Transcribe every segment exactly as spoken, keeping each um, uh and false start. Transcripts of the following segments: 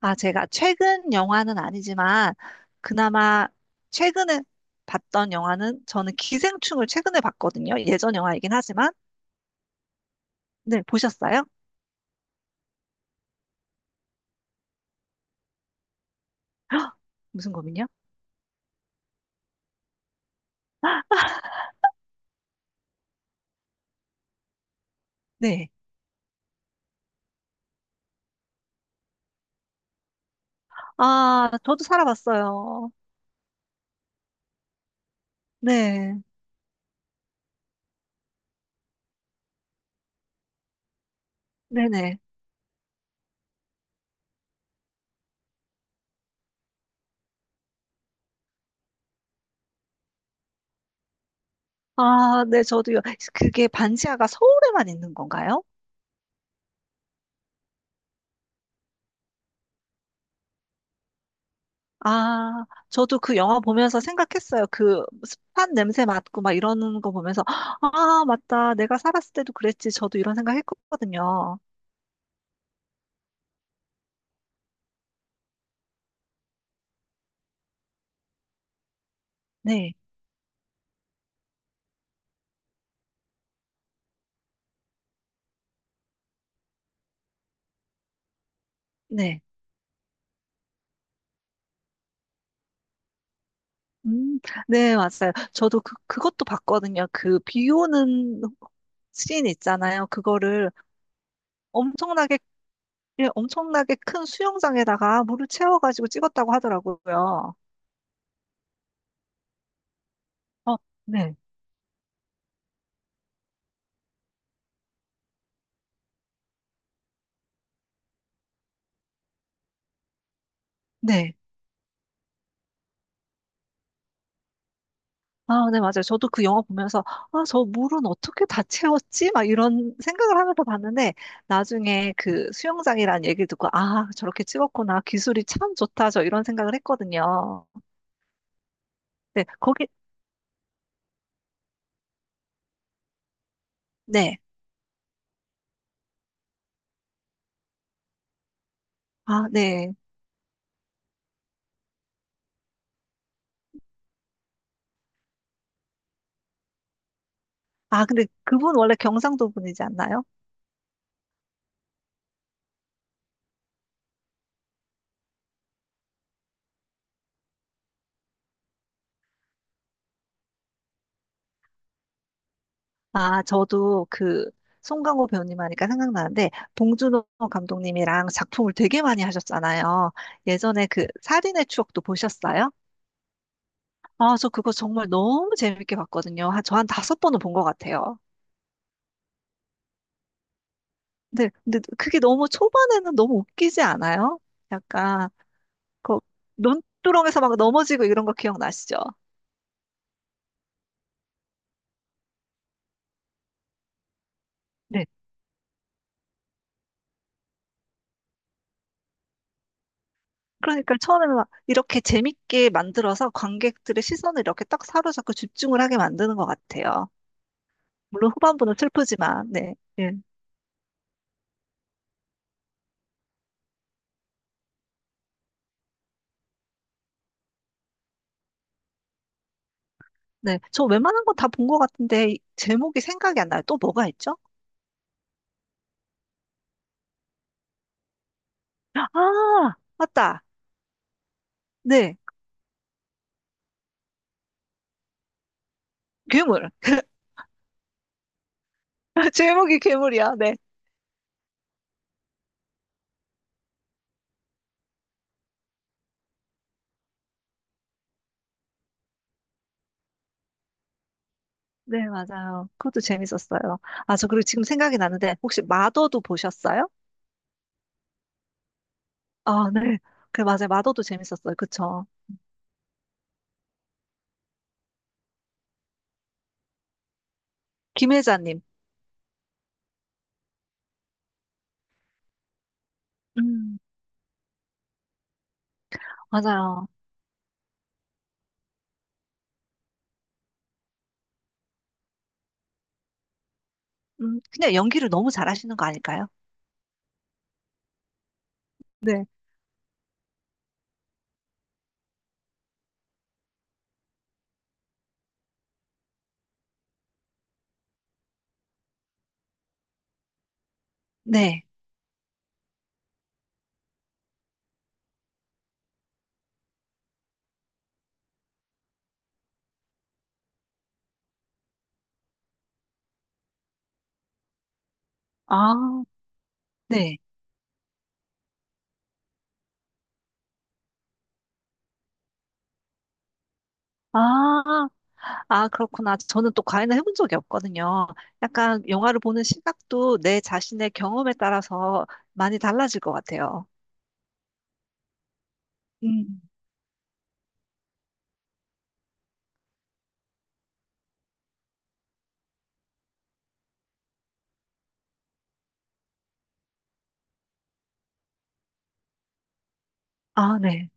아, 제가 최근 영화는 아니지만, 그나마 최근에 봤던 영화는 저는 기생충을 최근에 봤거든요. 예전 영화이긴 하지만. 네, 보셨어요? 헉, 무슨 고민이요? 네. 아, 저도 살아봤어요. 네. 네네. 아, 네, 저도요. 그게 반지하가 서울에만 있는 건가요? 아, 저도 그 영화 보면서 생각했어요. 그 습한 냄새 맡고 막 이러는 거 보면서, 아, 맞다. 내가 살았을 때도 그랬지. 저도 이런 생각 했거든요. 네, 네. 음, 네, 맞아요. 저도 그, 그것도 봤거든요. 그 비 오는 씬 있잖아요. 그거를 엄청나게, 예, 엄청나게 큰 수영장에다가 물을 채워가지고 찍었다고 하더라고요. 어, 네, 네. 아, 네, 맞아요. 저도 그 영화 보면서, 아, 저 물은 어떻게 다 채웠지? 막 이런 생각을 하면서 봤는데, 나중에 그 수영장이라는 얘기를 듣고, 아, 저렇게 찍었구나. 기술이 참 좋다. 저 이런 생각을 했거든요. 네, 거기, 네. 아, 네. 아, 근데 그분 원래 경상도 분이지 않나요? 아, 저도 그 송강호 배우님 하니까 생각나는데 봉준호 감독님이랑 작품을 되게 많이 하셨잖아요. 예전에 그 살인의 추억도 보셨어요? 아, 저 그거 정말 너무 재밌게 봤거든요. 한, 저 한 다섯 번은 본 것 같아요. 근데, 근데 그게 너무 초반에는 너무 웃기지 않아요? 약간 그 논두렁에서 막 넘어지고 이런 거 기억나시죠? 네. 그러니까 처음에는 막 이렇게 재밌게 만들어서 관객들의 시선을 이렇게 딱 사로잡고 집중을 하게 만드는 것 같아요. 물론 후반부는 슬프지만, 네. 예. 네. 저 웬만한 건 다 본 것 같은데, 이 제목이 생각이 안 나요. 또 뭐가 있죠? 아, 맞다. 네. 괴물. 제목이 괴물이야. 네. 네, 맞아요. 그것도 재밌었어요. 아, 저 그리고 지금 생각이 나는데, 혹시 마더도 보셨어요? 아, 네. 그래, 맞아요. 마더도 재밌었어요. 그쵸. 김혜자님. 음, 맞아요. 음, 그냥 연기를 너무 잘하시는 거 아닐까요? 네. 네. 아, 네. 아, 아, 그렇구나. 저는 또 과외는 해본 적이 없거든요. 약간 영화를 보는 시각도 내 자신의 경험에 따라서 많이 달라질 것 같아요. 음. 아, 네.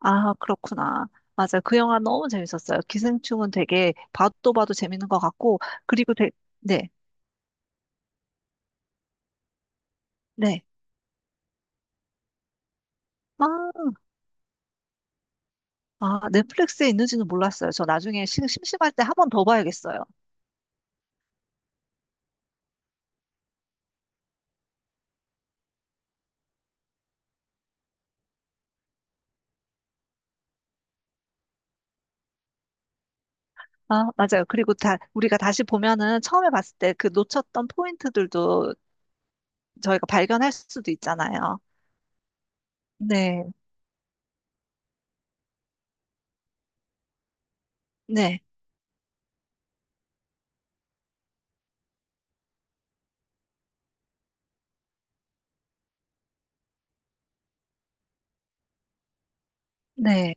아, 그렇구나. 맞아요. 그 영화 너무 재밌었어요. 기생충은 되게 봐도 봐도 재밌는 것 같고, 그리고 되, 네, 네. 아, 아, 넷플릭스에 있는지는 몰랐어요. 저 나중에 심- 심심할 때 한 번 더 봐야겠어요. 아, 맞아요. 그리고 다, 우리가 다시 보면은 처음에 봤을 때 그 놓쳤던 포인트들도 저희가 발견할 수도 있잖아요. 네, 네, 네.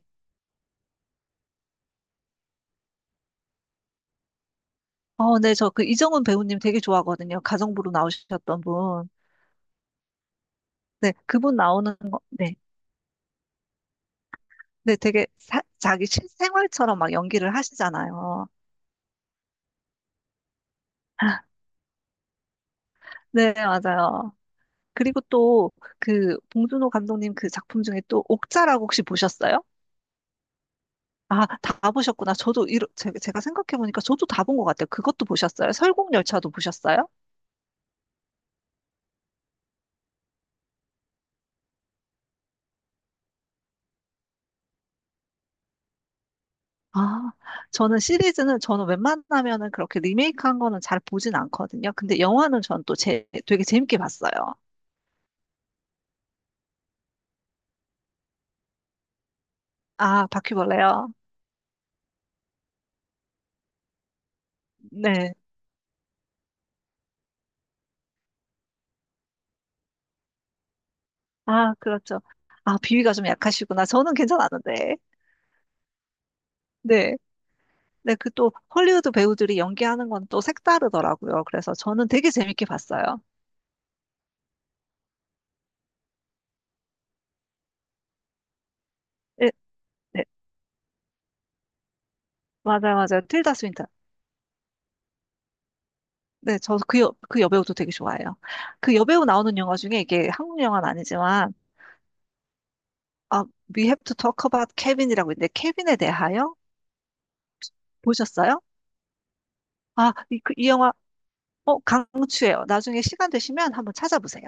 어, 네, 저 그 이정훈 배우님 되게 좋아하거든요. 가정부로 나오셨던 분. 네, 그분 나오는 거, 네. 네, 되게 사- 자기 실생활처럼 막 연기를 하시잖아요. 네, 맞아요. 그리고 또 그 봉준호 감독님 그 작품 중에 또 옥자라고 혹시 보셨어요? 아, 다 보셨구나. 저도 이러, 제, 제가 생각해보니까 저도 다 본 것 같아요. 그것도 보셨어요? 설국열차도 보셨어요? 아, 저는 시리즈는, 저는 웬만하면은 그렇게 리메이크한 거는 잘 보진 않거든요. 근데 영화는 전 또 제, 되게 재밌게 봤어요. 아, 바퀴벌레요? 네. 아, 그렇죠. 아, 비위가 좀 약하시구나. 저는 괜찮았는데. 네. 네, 그 또 헐리우드 배우들이 연기하는 건 또 색다르더라고요. 그래서 저는 되게 재밌게 봤어요. 예, 네. 맞아요, 맞아요. 틸다 스윈턴. 네, 저도 그, 여, 그 여배우도 되게 좋아해요. 그 여배우 나오는 영화 중에 이게 한국 영화는 아니지만, 아, We Have to Talk About Kevin이라고 있는데, 케빈에 대하여 보셨어요? 아, 이, 그- 이 영화, 어, 강추해요. 나중에 시간 되시면 한번 찾아보세요.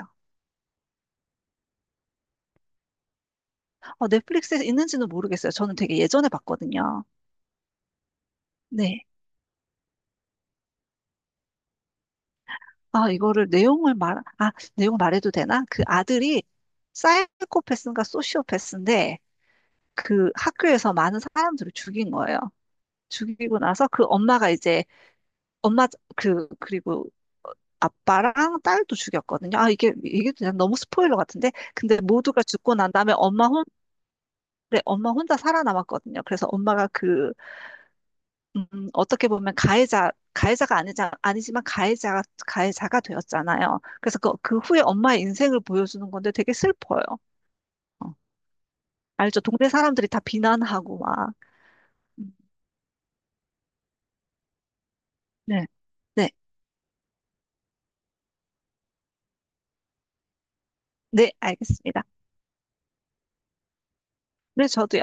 어, 넷플릭스에 있는지는 모르겠어요. 저는 되게 예전에 봤거든요. 네. 아, 이거를 내용을 말, 아, 내용 말해도 되나? 그 아들이 사이코패스인가 소시오패스인데, 그 학교에서 많은 사람들을 죽인 거예요. 죽이고 나서 그 엄마가 이제 엄마 그 그리고 어, 아빠랑 딸도 죽였거든요. 아 이게 이게 그냥 너무 스포일러 같은데 근데 모두가 죽고 난 다음에 엄마 혼 그래, 엄마 혼자 살아남았거든요. 그래서 엄마가 그 음, 어떻게 보면 가해자 가해자가 아니자 아니지만 가해자가 가해자가 되었잖아요. 그래서 그, 그 후에 엄마의 인생을 보여주는 건데 되게 슬퍼요. 어, 알죠? 동네 사람들이 다 비난하고 막 음, 네. 네, 네, 알겠습니다. 네, 저도요.